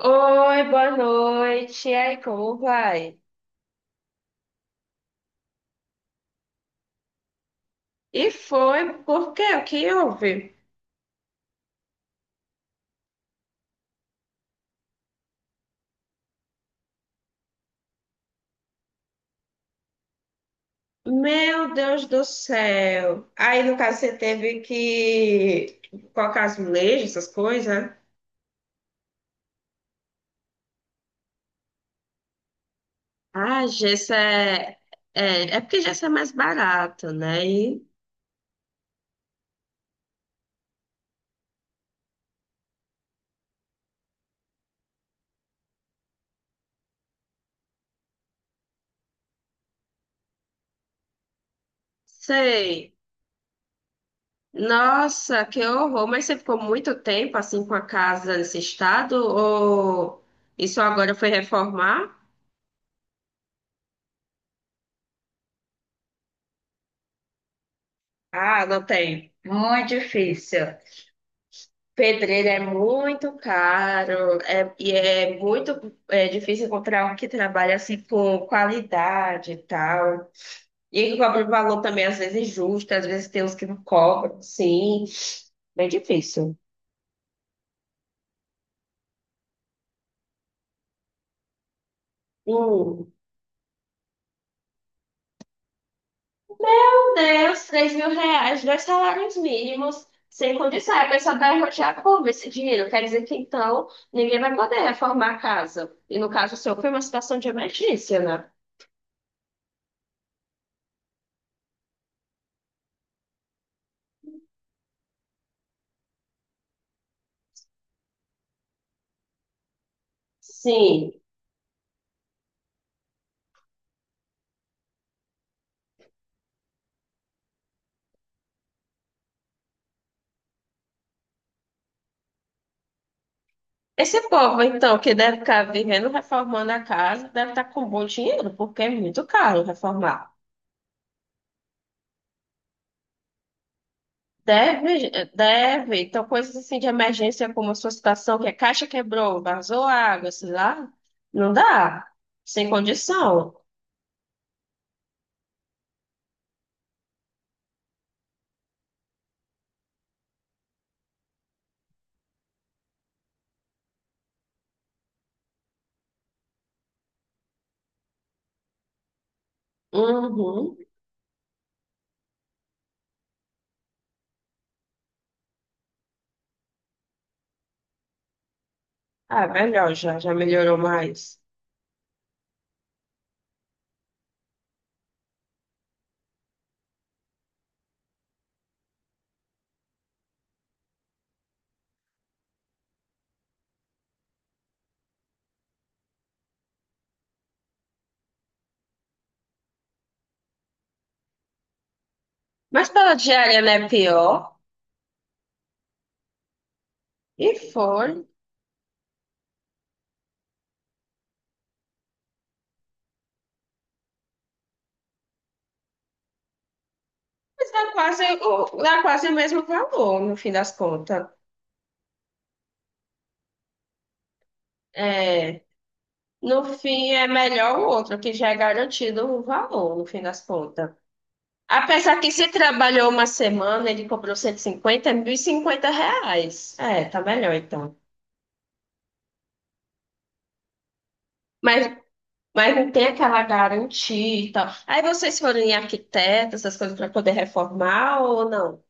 Oi, boa noite. E aí, como vai? E foi, por quê? O que houve? Meu Deus do céu. Aí, no caso, você teve que colocar as leis, essas coisas? Ah, gesso é, é porque gesso é mais barato, né? E sei. Nossa, que horror. Mas você ficou muito tempo, assim, com a casa nesse estado? Ou isso agora foi reformar? Ah, não tem. Muito difícil. Pedreiro é muito caro, é, e é muito difícil encontrar um que trabalha assim com qualidade e tal. E que cobra um valor também, às vezes, justo, às vezes tem uns que não cobram, sim. Bem difícil. Hum. Meu Deus, 3.000 reais, dois salários mínimos, sem condição. A pessoa vai rotear como esse dinheiro? Quer dizer que então ninguém vai poder reformar a casa. E no caso seu, foi uma situação de emergência, né? Sim. Esse povo, então, que deve estar vivendo reformando a casa, deve estar com bom dinheiro, porque é muito caro reformar. Deve, deve. Então, coisas assim de emergência, como a sua situação, que a caixa quebrou, vazou água, sei lá, não dá. Sem condição. Uhum. Ah, melhor já, já melhorou mais. Mas pela diária, não é pior. E foi. Mas dá quase o mesmo valor, no fim das contas. É. No fim, é melhor o outro, que já é garantido o valor, no fim das contas. Apesar que se trabalhou uma semana, ele cobrou 150, é 1.050 reais. É, tá melhor então. Mas, mas não tem aquela garantia e tal. Aí vocês foram em arquiteto, essas coisas, para poder reformar ou não?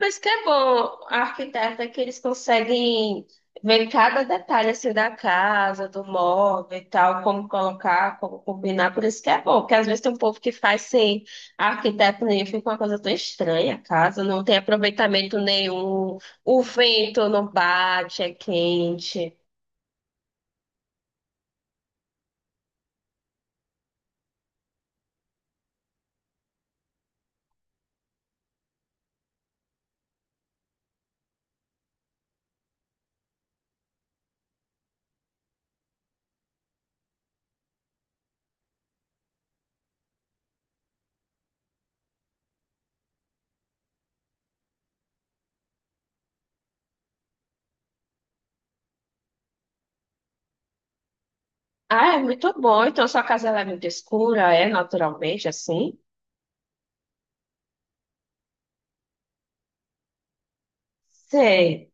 Mas que é bom, a arquiteta que eles conseguem ver cada detalhe assim da casa, do móvel e tal, como colocar, como combinar, por isso que é bom, porque às vezes tem um povo que faz sem arquiteto nenhum, fica uma coisa tão estranha a casa, não tem aproveitamento nenhum, o vento não bate, é quente. Ah, é muito bom, então sua casa ela é muito escura, é naturalmente assim? Sei.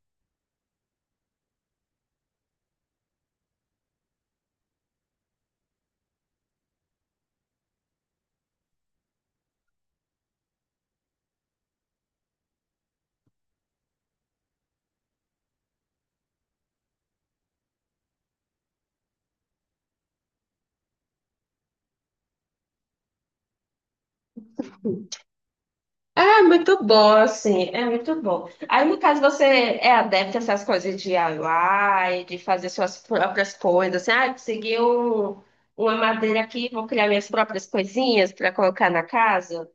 É muito bom, assim, é muito bom. Aí, no caso, você é adepto a essas coisas de DIY, de fazer suas próprias coisas, assim, ah, uma madeira aqui, vou criar minhas próprias coisinhas para colocar na casa.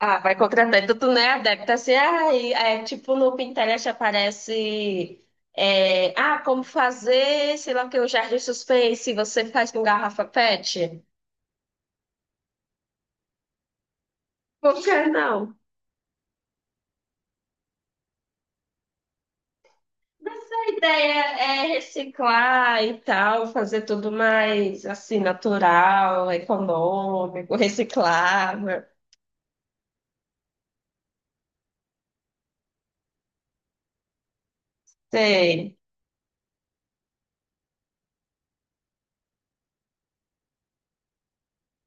Ah, vai contratar. Então, tu não é adepto, assim, ah, e, tipo, no Pinterest aparece, ah, como fazer, sei lá o que, o jardim suspense, você faz com garrafa PET? Por que não? Mas a ideia é reciclar e tal, fazer tudo mais assim, natural, econômico, reciclável. Sei.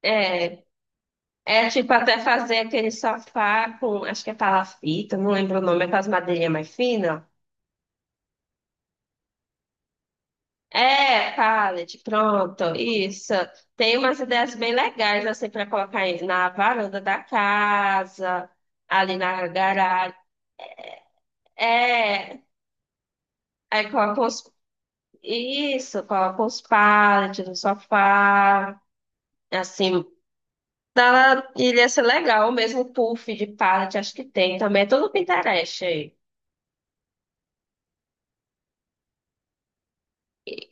É, é tipo até fazer aquele sofá com, acho que é palafita, não lembro o nome, é com as madeirinhas mais finas. É, pallet, pronto, isso. Tem umas ideias bem legais assim para colocar aí na varanda da casa, ali na garagem. É, aí coloca os. Isso, coloca os pallets no sofá, assim. Dá, iria ser legal, mesmo puff de pallet, acho que tem também. É tudo Pinterest aí.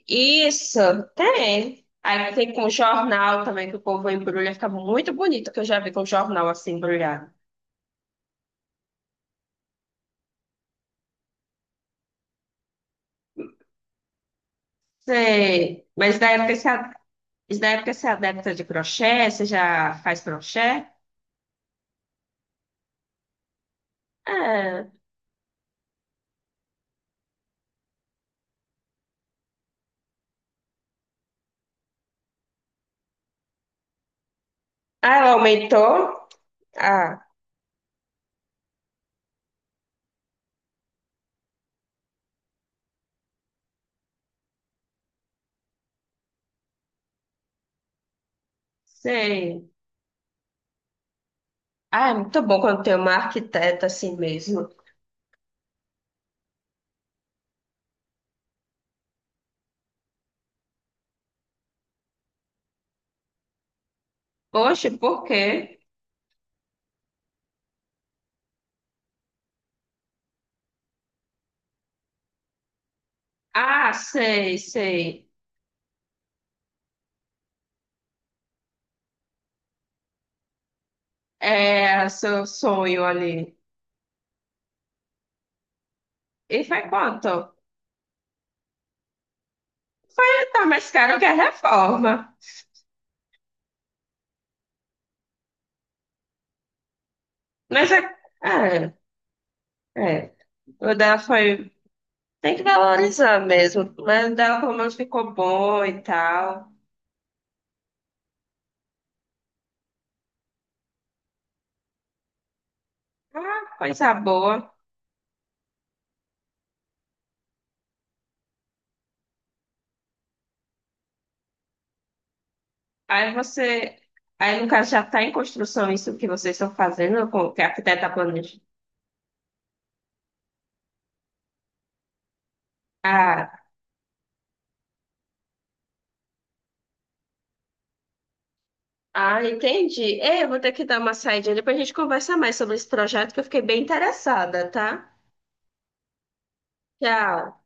Isso, tem. Aí tem com jornal também, que o povo embrulha, fica muito bonito, que eu já vi com jornal assim embrulhado. Sei, mas na época você é adepta de crochê, você já faz crochê? Ah, ah, ela aumentou? Ah, sei. Ah, é muito bom quando tem uma arquiteta assim mesmo. Poxa, por quê? Ah, sei, sei. É seu sonho ali. E foi quanto? É, tá mais caro que a reforma. Mas é. É, é. O dela foi. Tem que valorizar mesmo. Mas o dela pelo menos ficou bom e tal. Ah, coisa boa. Aí você. Aí, no caso, já está em construção isso que vocês estão fazendo, com que a arquiteta planeja. Ah, ah, entendi. É, eu vou ter que dar uma saída. Depois a gente conversa mais sobre esse projeto que eu fiquei bem interessada, tá? Tchau.